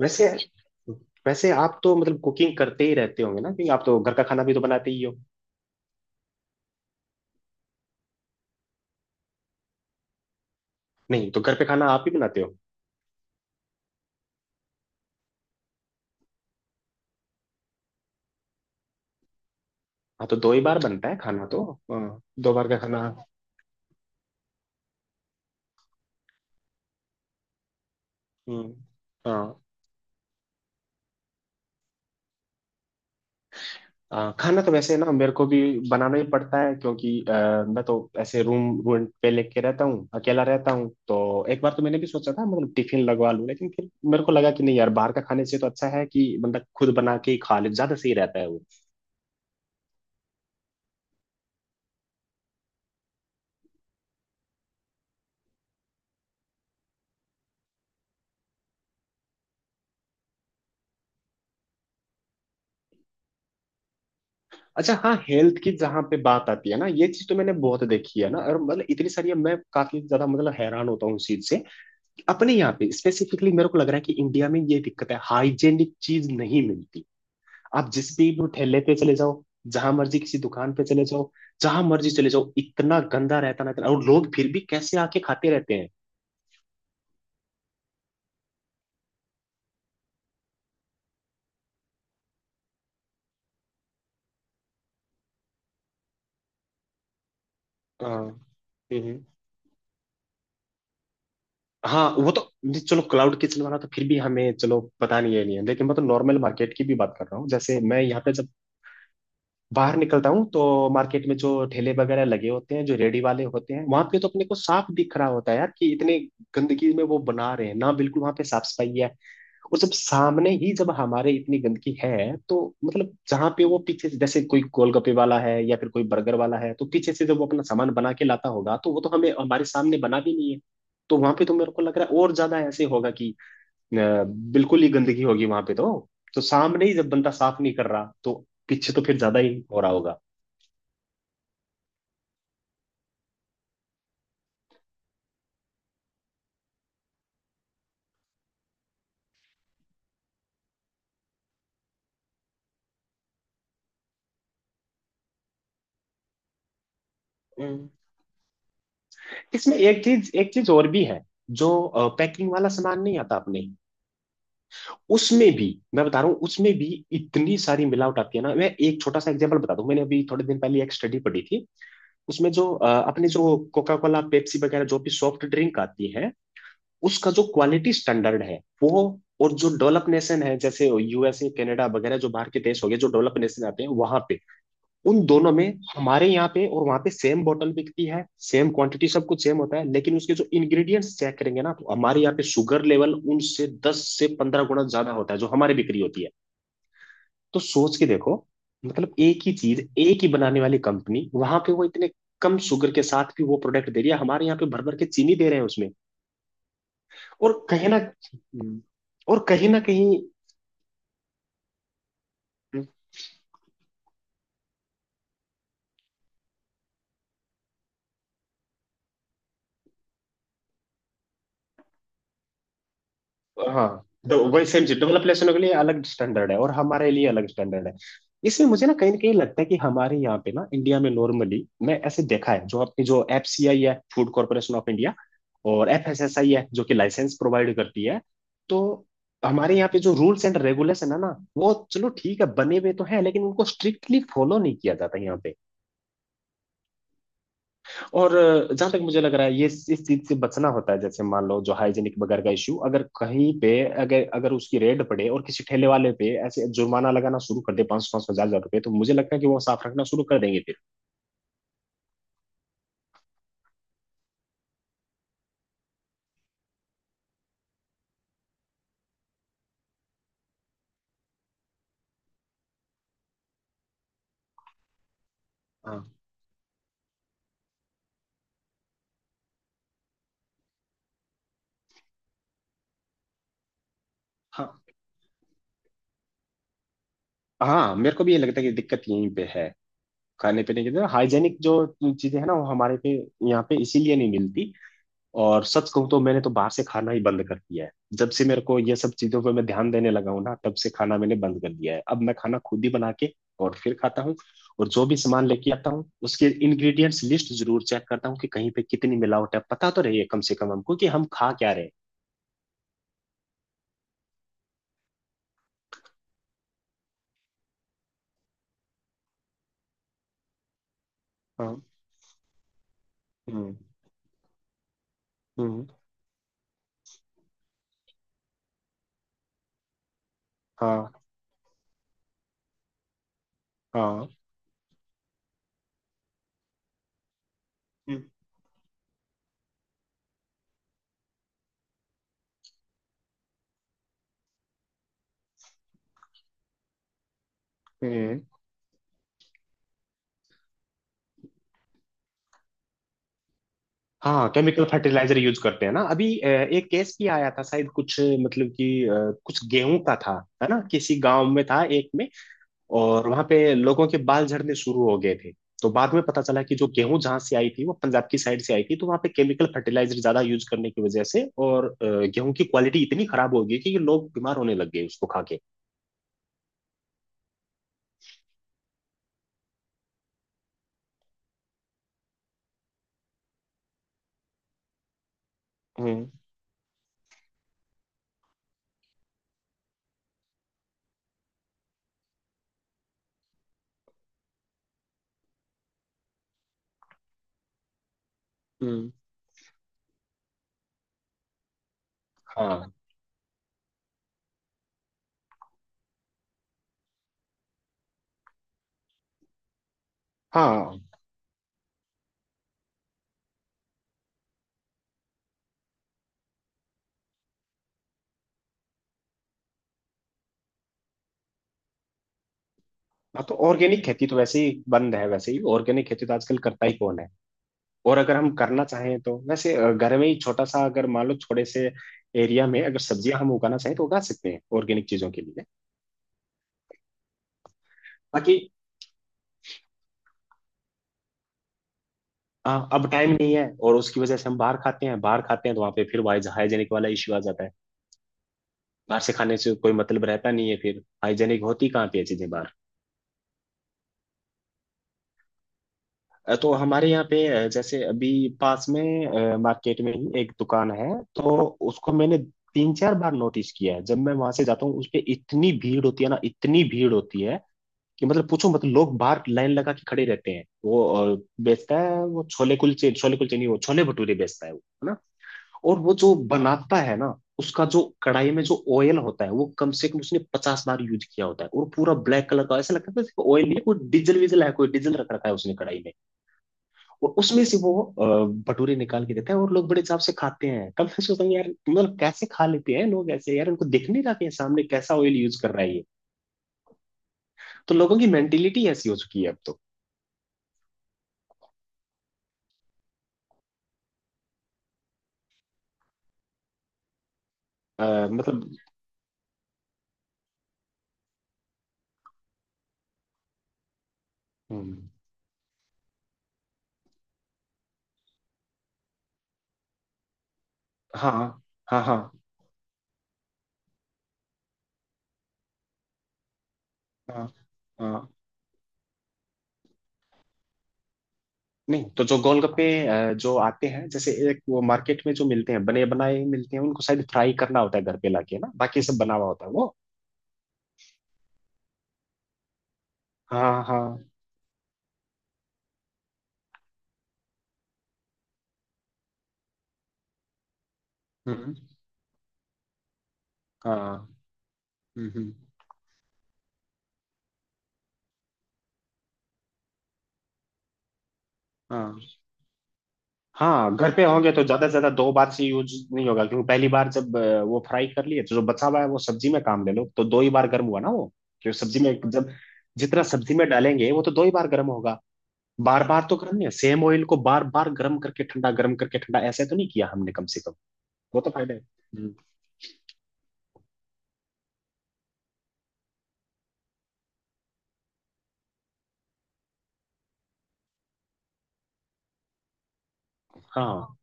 वैसे वैसे आप तो मतलब कुकिंग करते ही रहते होंगे ना, क्योंकि आप तो घर का खाना भी तो बनाते ही हो। नहीं तो घर पे खाना आप ही बनाते हो? हाँ, तो दो ही बार बनता है खाना तो। हाँ, दो बार का खाना। हम्म, हाँ। हाँ, खाना तो वैसे ना मेरे को भी बनाना ही पड़ता है, क्योंकि मैं तो ऐसे रूम रेंट पे लेके रहता हूँ, अकेला रहता हूँ, तो एक बार तो मैंने भी सोचा था मतलब टिफिन लगवा लूँ, लेकिन फिर मेरे को लगा कि नहीं यार, बाहर का खाने से तो अच्छा है कि बंदा खुद बना के ही खा ले, ज्यादा सही रहता है वो। अच्छा, हाँ, हेल्थ की जहाँ पे बात आती है ना, ये चीज तो मैंने बहुत देखी है ना। और मतलब इतनी सारी, अब मैं काफी ज्यादा मतलब हैरान होता हूँ उस चीज से। अपने यहाँ पे स्पेसिफिकली मेरे को लग रहा है कि इंडिया में ये दिक्कत है, हाइजेनिक चीज नहीं मिलती। आप जिस भी वो ठेले पे चले जाओ, जहां मर्जी किसी दुकान पे चले जाओ, जहां मर्जी चले जाओ, इतना गंदा रहता ना इतना, और लोग फिर भी कैसे आके खाते रहते हैं। हाँ। हम्म। हाँ, वो तो नहीं, चलो क्लाउड किचन वाला तो फिर भी हमें चलो पता नहीं है नहीं है, लेकिन मैं तो नॉर्मल मार्केट की भी बात कर रहा हूँ। जैसे मैं यहाँ पे जब बाहर निकलता हूँ तो मार्केट में जो ठेले वगैरह लगे होते हैं, जो रेडी वाले होते हैं, वहां पे तो अपने को साफ दिख रहा होता है यार कि इतने गंदगी में वो बना रहे हैं ना, बिल्कुल वहां पे साफ सफाई है। और जब सामने ही जब हमारे इतनी गंदगी है तो मतलब जहाँ पे वो पीछे से, जैसे कोई गोलगप्पे वाला है या फिर कोई बर्गर वाला है, तो पीछे से जब वो अपना सामान बना के लाता होगा तो वो तो हमें हमारे सामने बना भी नहीं है। तो वहां पे तो मेरे को लग रहा है और ज्यादा ऐसे होगा कि अ, बिल्कुल ही गंदगी होगी वहां पे तो। तो सामने ही जब बंदा साफ नहीं कर रहा तो पीछे तो फिर ज्यादा ही हो रहा होगा। हम्म। इसमें एक चीज और भी है, जो पैकिंग वाला सामान नहीं आता आपने, उसमें भी, मैं बता रहा हूँ उसमें भी इतनी सारी मिलावट आती है ना। मैं एक छोटा सा एग्जांपल बता दूं, मैंने अभी थोड़े दिन पहले एक स्टडी पढ़ी थी। उसमें जो अपने जो कोका कोला पेप्सी वगैरह जो भी सॉफ्ट ड्रिंक आती है, उसका जो क्वालिटी स्टैंडर्ड है वो, और जो डेवलप नेशन है जैसे यूएसए कनाडा वगैरह, जो बाहर के देश हो गए, जो डेवलप नेशन आते हैं वहां पे, उन दोनों में, हमारे यहाँ पे और वहां पे सेम बोतल बिकती है, सेम क्वांटिटी सब कुछ सेम होता है, लेकिन उसके जो इंग्रेडिएंट्स चेक करेंगे ना, तो हमारे यहाँ पे शुगर लेवल उनसे 10 से 15 गुना ज्यादा होता है, जो हमारी बिक्री होती है। तो सोच के देखो, मतलब एक ही चीज, एक ही बनाने वाली कंपनी, वहां पे वो इतने कम शुगर के साथ भी वो प्रोडक्ट दे रही है, हमारे यहाँ पे भर भर के चीनी दे रहे हैं उसमें। और कहीं ना और कहीं ना कहीं। हाँ, तो वही सेम चीज डेवलप नेशनों के लिए अलग स्टैंडर्ड है और हमारे लिए अलग स्टैंडर्ड है। इसमें मुझे ना कहीं लगता है कि हमारे यहाँ पे ना, इंडिया में, नॉर्मली मैं ऐसे देखा है, जो अपनी जो एफसीआई है, फूड कॉर्पोरेशन ऑफ इंडिया, और एफएसएसआई है जो कि लाइसेंस प्रोवाइड करती है, तो हमारे यहाँ पे जो रूल्स एंड रेगुलेशन है ना, वो चलो ठीक है बने हुए तो है, लेकिन उनको स्ट्रिक्टली फॉलो नहीं किया जाता यहाँ पे। और जहां तक मुझे लग रहा है, ये इस चीज से बचना होता है। जैसे मान लो, जो हाइजीनिक वगैरह का इशू, अगर कहीं पे अगर अगर उसकी रेड पड़े और किसी ठेले वाले पे ऐसे जुर्माना लगाना शुरू कर दे, 500, 5,000, 1,000 रुपए, तो मुझे लगता है कि वो साफ रखना शुरू कर देंगे फिर। हाँ, हाँ। हाँ, मेरे को भी ये लगता है कि दिक्कत यहीं पे है। खाने पीने की हाइजेनिक जो चीजें है ना, वो हमारे पे, यहाँ पे इसीलिए नहीं मिलती। और सच कहूँ तो मैंने तो बाहर से खाना ही बंद कर दिया है। जब से मेरे को ये सब चीजों पे मैं ध्यान देने लगा हूँ ना, तब से खाना मैंने बंद कर दिया है। अब मैं खाना खुद ही बना के और फिर खाता हूँ, और जो भी सामान लेके आता हूँ उसके इंग्रेडिएंट्स लिस्ट जरूर चेक करता हूँ कि कहीं पे कितनी मिलावट है, पता तो रही है कम से कम हमको कि हम खा क्या रहे हैं। हाँ। हम्म। हम्म। हाँ, हाँ। हम्म, हम्म। हाँ, केमिकल फर्टिलाइजर यूज करते हैं ना अभी। एक केस भी आया था शायद, कुछ मतलब कि कुछ गेहूं का था, है ना, किसी गांव में था एक में, और वहां पे लोगों के बाल झड़ने शुरू हो गए थे। तो बाद में पता चला कि जो गेहूं जहां से आई थी वो पंजाब की साइड से आई थी, तो वहां पे केमिकल फर्टिलाइजर ज्यादा यूज करने की वजह से, और गेहूं की क्वालिटी इतनी खराब हो गई कि ये लोग बीमार होने लग गए उसको खा के। हम्म। हम्म। हाँ, हाँ। हाँ, तो ऑर्गेनिक खेती तो वैसे ही बंद है, वैसे ही ऑर्गेनिक खेती तो आजकल करता ही कौन है। और अगर हम करना चाहें तो वैसे घर में ही छोटा सा, अगर मान लो थोड़े से एरिया में अगर सब्जियां हम उगाना चाहें तो उगा सकते हैं ऑर्गेनिक चीजों के लिए। बाकी हाँ, अब टाइम नहीं है, और उसकी वजह से हम बाहर खाते हैं, बाहर खाते हैं तो वहां पे फिर वाइज हाइजेनिक वाला इश्यू आ जाता है। बाहर से खाने से कोई मतलब रहता नहीं है, फिर हाइजेनिक होती कहाँ पे है चीजें बाहर। तो हमारे यहाँ पे, जैसे अभी पास में मार्केट में ही एक दुकान है, तो उसको मैंने 3 4 बार नोटिस किया है। जब मैं वहां से जाता हूँ उस पे इतनी भीड़ होती है ना, इतनी भीड़ होती है कि मतलब पूछो, मतलब लोग बाहर लाइन लगा के खड़े रहते हैं। वो अ, बेचता है वो छोले कुलचे, छोले कुलचे नहीं, वो छोले भटूरे बेचता है वो, है ना। और वो जो बनाता है ना, उसका जो कढ़ाई में जो ऑयल होता है, वो कम से कम उसने 50 बार यूज किया होता है, और पूरा ब्लैक कलर का ऐसा लगता है ऑयल नहीं है, कोई डीजल वीजल है, कोई डीजल रख रखा है उसने कढ़ाई में। और उसमें से वो अ, भटूरे निकाल के देता है, और लोग बड़े चाव से खाते हैं। तब मैं सोचता हूँ यार, मतलब कैसे खा लेते हैं लोग ऐसे यार, उनको देखने जाते हैं सामने कैसा ऑयल यूज कर रहा है ये। तो लोगों की मेंटेलिटी ऐसी हो चुकी है अब तो। अ, मतलब। हम्म, हाँ, हाँ, हाँ, हाँ, हाँ। नहीं तो जो गोलगप्पे जो आते हैं जैसे, एक वो मार्केट में जो मिलते हैं, बने बनाए ही मिलते हैं, उनको शायद फ्राई करना होता है घर पे लाके ना, बाकी सब बना हुआ होता है वो। हाँ, हाँ। हम्म। हाँ। हम्म। हम्म। हाँ, हाँ, घर पे होंगे तो ज्यादा से ज्यादा 2 बार से यूज नहीं होगा, क्योंकि पहली बार जब वो फ्राई कर लिए, तो जो बचा हुआ है वो सब्जी में काम ले लो, तो दो ही बार गर्म हुआ ना वो। क्योंकि सब्जी में जब, जितना सब्जी में डालेंगे वो तो दो ही बार गर्म होगा। बार बार तो गर्म नहीं है, सेम ऑयल को बार बार गर्म करके ठंडा, गर्म करके ठंडा, ऐसे तो नहीं किया हमने कम से कम। वो तो फायदा है। हाँ।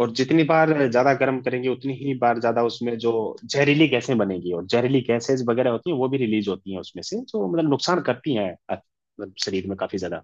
और जितनी बार ज्यादा गर्म करेंगे उतनी ही बार ज्यादा उसमें जो जहरीली गैसें बनेगी, और जहरीली गैसेज वगैरह होती हैं वो भी रिलीज होती हैं उसमें से, जो मतलब नुकसान करती हैं अ-, मतलब शरीर में काफी ज्यादा।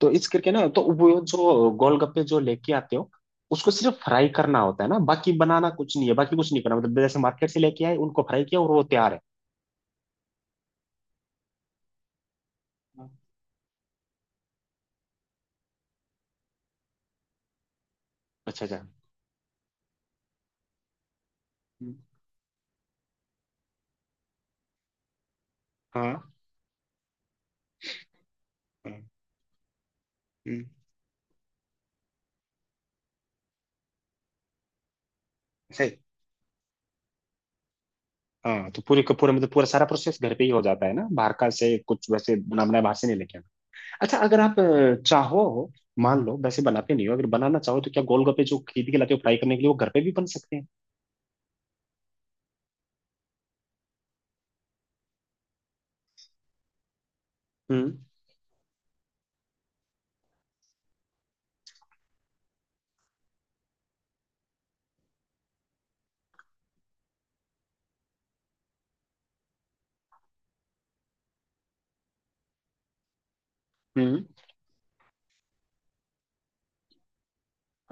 तो इस करके ना, तो वो जो गोलगप्पे जो लेके आते हो, उसको सिर्फ फ्राई करना होता है ना, बाकी बनाना कुछ नहीं है, बाकी कुछ नहीं करना, मतलब जैसे मार्केट से लेके आए, उनको फ्राई किया और वो तैयार है। हाँ, अच्छा अच्छा। हम्म। हाँ, हाँ। हम्म। सही। हाँ, तो पूरी का पूरा, मतलब पूरा सारा प्रोसेस घर पे ही हो जाता है ना, बाहर का से कुछ वैसे बना बनाया बाहर से नहीं लेके आना। अच्छा, अगर आप चाहो, मान लो वैसे बनाते नहीं हो, अगर बनाना चाहो तो क्या गोलगप्पे जो खरीद के लाते हो फ्राई करने के लिए, वो घर पे भी बन सकते हैं? हम्म। हम्म।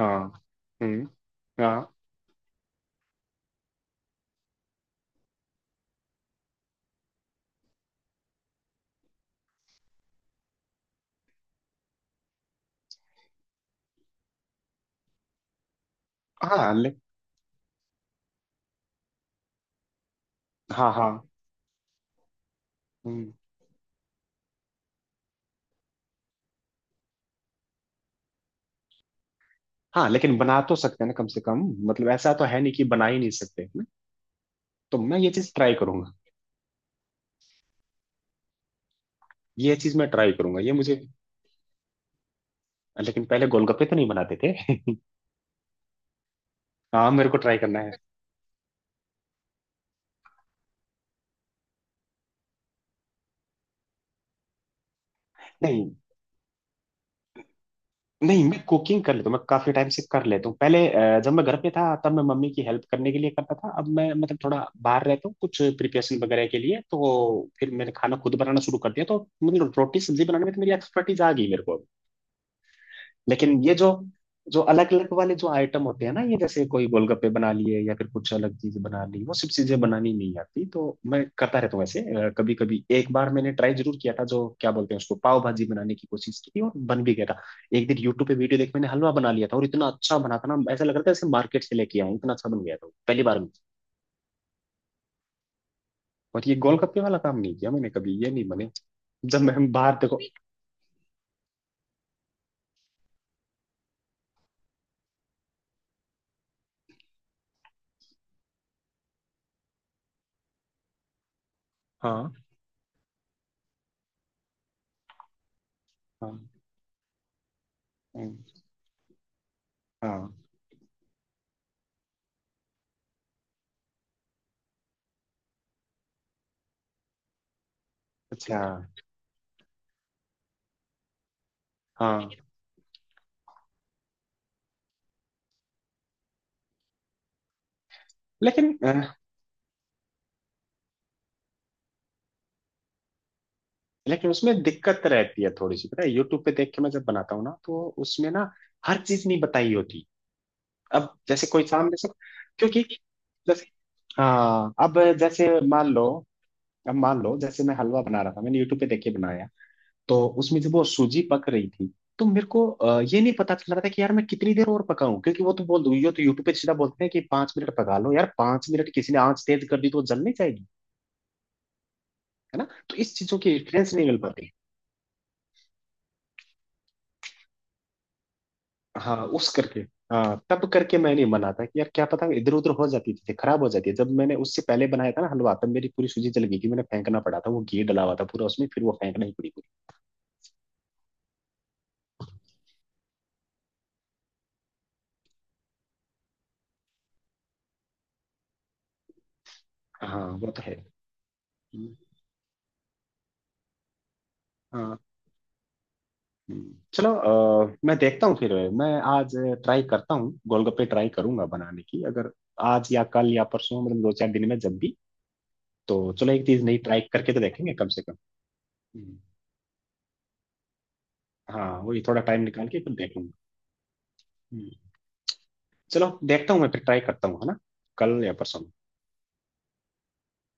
हाँ। हम्म। हाँ। हाँ ले, हाँ, हाँ। हम्म। हाँ, लेकिन बना तो सकते हैं ना कम से कम, मतलब ऐसा तो है नहीं कि बना ही नहीं सकते, है ना? तो मैं ये चीज ट्राई करूंगा। ये चीज मैं ट्राई करूंगा, ये मुझे। लेकिन पहले गोलगप्पे तो नहीं बनाते थे। हाँ, मेरे को ट्राई करना है। नहीं नहीं, मैं कुकिंग कर लेता हूँ, मैं काफी टाइम से कर लेता हूँ। पहले जब मैं घर पे था तब मैं मम्मी की हेल्प करने के लिए करता था। अब मैं मतलब थोड़ा बाहर रहता हूँ कुछ प्रिपरेशन वगैरह के लिए, तो फिर मैंने खाना खुद बनाना शुरू कर दिया। तो मतलब रोटी सब्जी बनाने में तो मेरी एक्सपर्टीज आ गई मेरे को। लेकिन ये जो, जो अलग अलग वाले जो आइटम होते हैं ना, ये जैसे कोई गोलगप्पे बना लिए या फिर कुछ अलग चीज बना ली, वो सब चीजें बनानी नहीं आती, तो मैं करता रहता हूँ ऐसे कभी कभी। एक बार मैंने ट्राई जरूर किया था, जो क्या बोलते हैं उसको, पाव भाजी बनाने की कोशिश की थी, और बन भी गया था। एक दिन यूट्यूब पे वीडियो देख मैंने हलवा बना लिया था, और इतना अच्छा बना था ना, ऐसा लग रहा था जैसे मार्केट से लेके आया हूं, इतना अच्छा बन गया था वो, पहली बार में। और ये गोलगप्पे वाला काम नहीं किया मैंने कभी, ये नहीं बने। जब मैं हम बाहर देखो। हाँ, हाँ, हाँ, हाँ, अच्छा, हाँ। लेकिन लेकिन उसमें दिक्कत रहती है थोड़ी सी, पता है यूट्यूब पे देख के मैं जब बनाता हूँ ना, तो उसमें ना हर चीज नहीं बताई होती। अब जैसे कोई सामने से, क्योंकि जैसे, हाँ अब जैसे मान लो, अब मान लो जैसे मैं हलवा बना रहा था, मैंने यूट्यूब पे देख के बनाया, तो उसमें जब वो सूजी पक रही थी, तो मेरे को ये नहीं पता चल रहा था कि यार मैं कितनी देर और पकाऊं, क्योंकि वो तो बोल दो, ये तो यूट्यूब पे सीधा बोलते हैं कि 5 मिनट पका लो यार, 5 मिनट किसी ने आंच तेज कर दी तो वो जल नहीं जाएगी, है ना? तो इस चीजों की रेफरेंस नहीं मिल पाती। हाँ, उस करके, हाँ तब करके मैं नहीं बना, था कि यार क्या पता इधर उधर हो जाती थी, खराब हो जाती है। जब मैंने उससे पहले बनाया था ना हलवा, तब मेरी पूरी सूजी जल गई थी, मैंने फेंकना पड़ा था, वो घी डला हुआ था पूरा उसमें, फिर वो फेंकना ही पड़ी पूरी। हाँ, वो तो है। हम्म, हाँ। हम्म। चलो मैं देखता हूँ फिर, मैं आज ट्राई करता हूँ, गोलगप्पे ट्राई करूंगा बनाने की, अगर आज या कल या परसों, मतलब 2 4 दिन में जब भी। तो चलो एक चीज नई ट्राई करके तो देखेंगे कम से कम। हम्म। हाँ, वही थोड़ा टाइम निकाल के फिर देखेंगे। चलो देखता हूँ, मैं फिर ट्राई करता हूँ, है ना, कल या परसों में।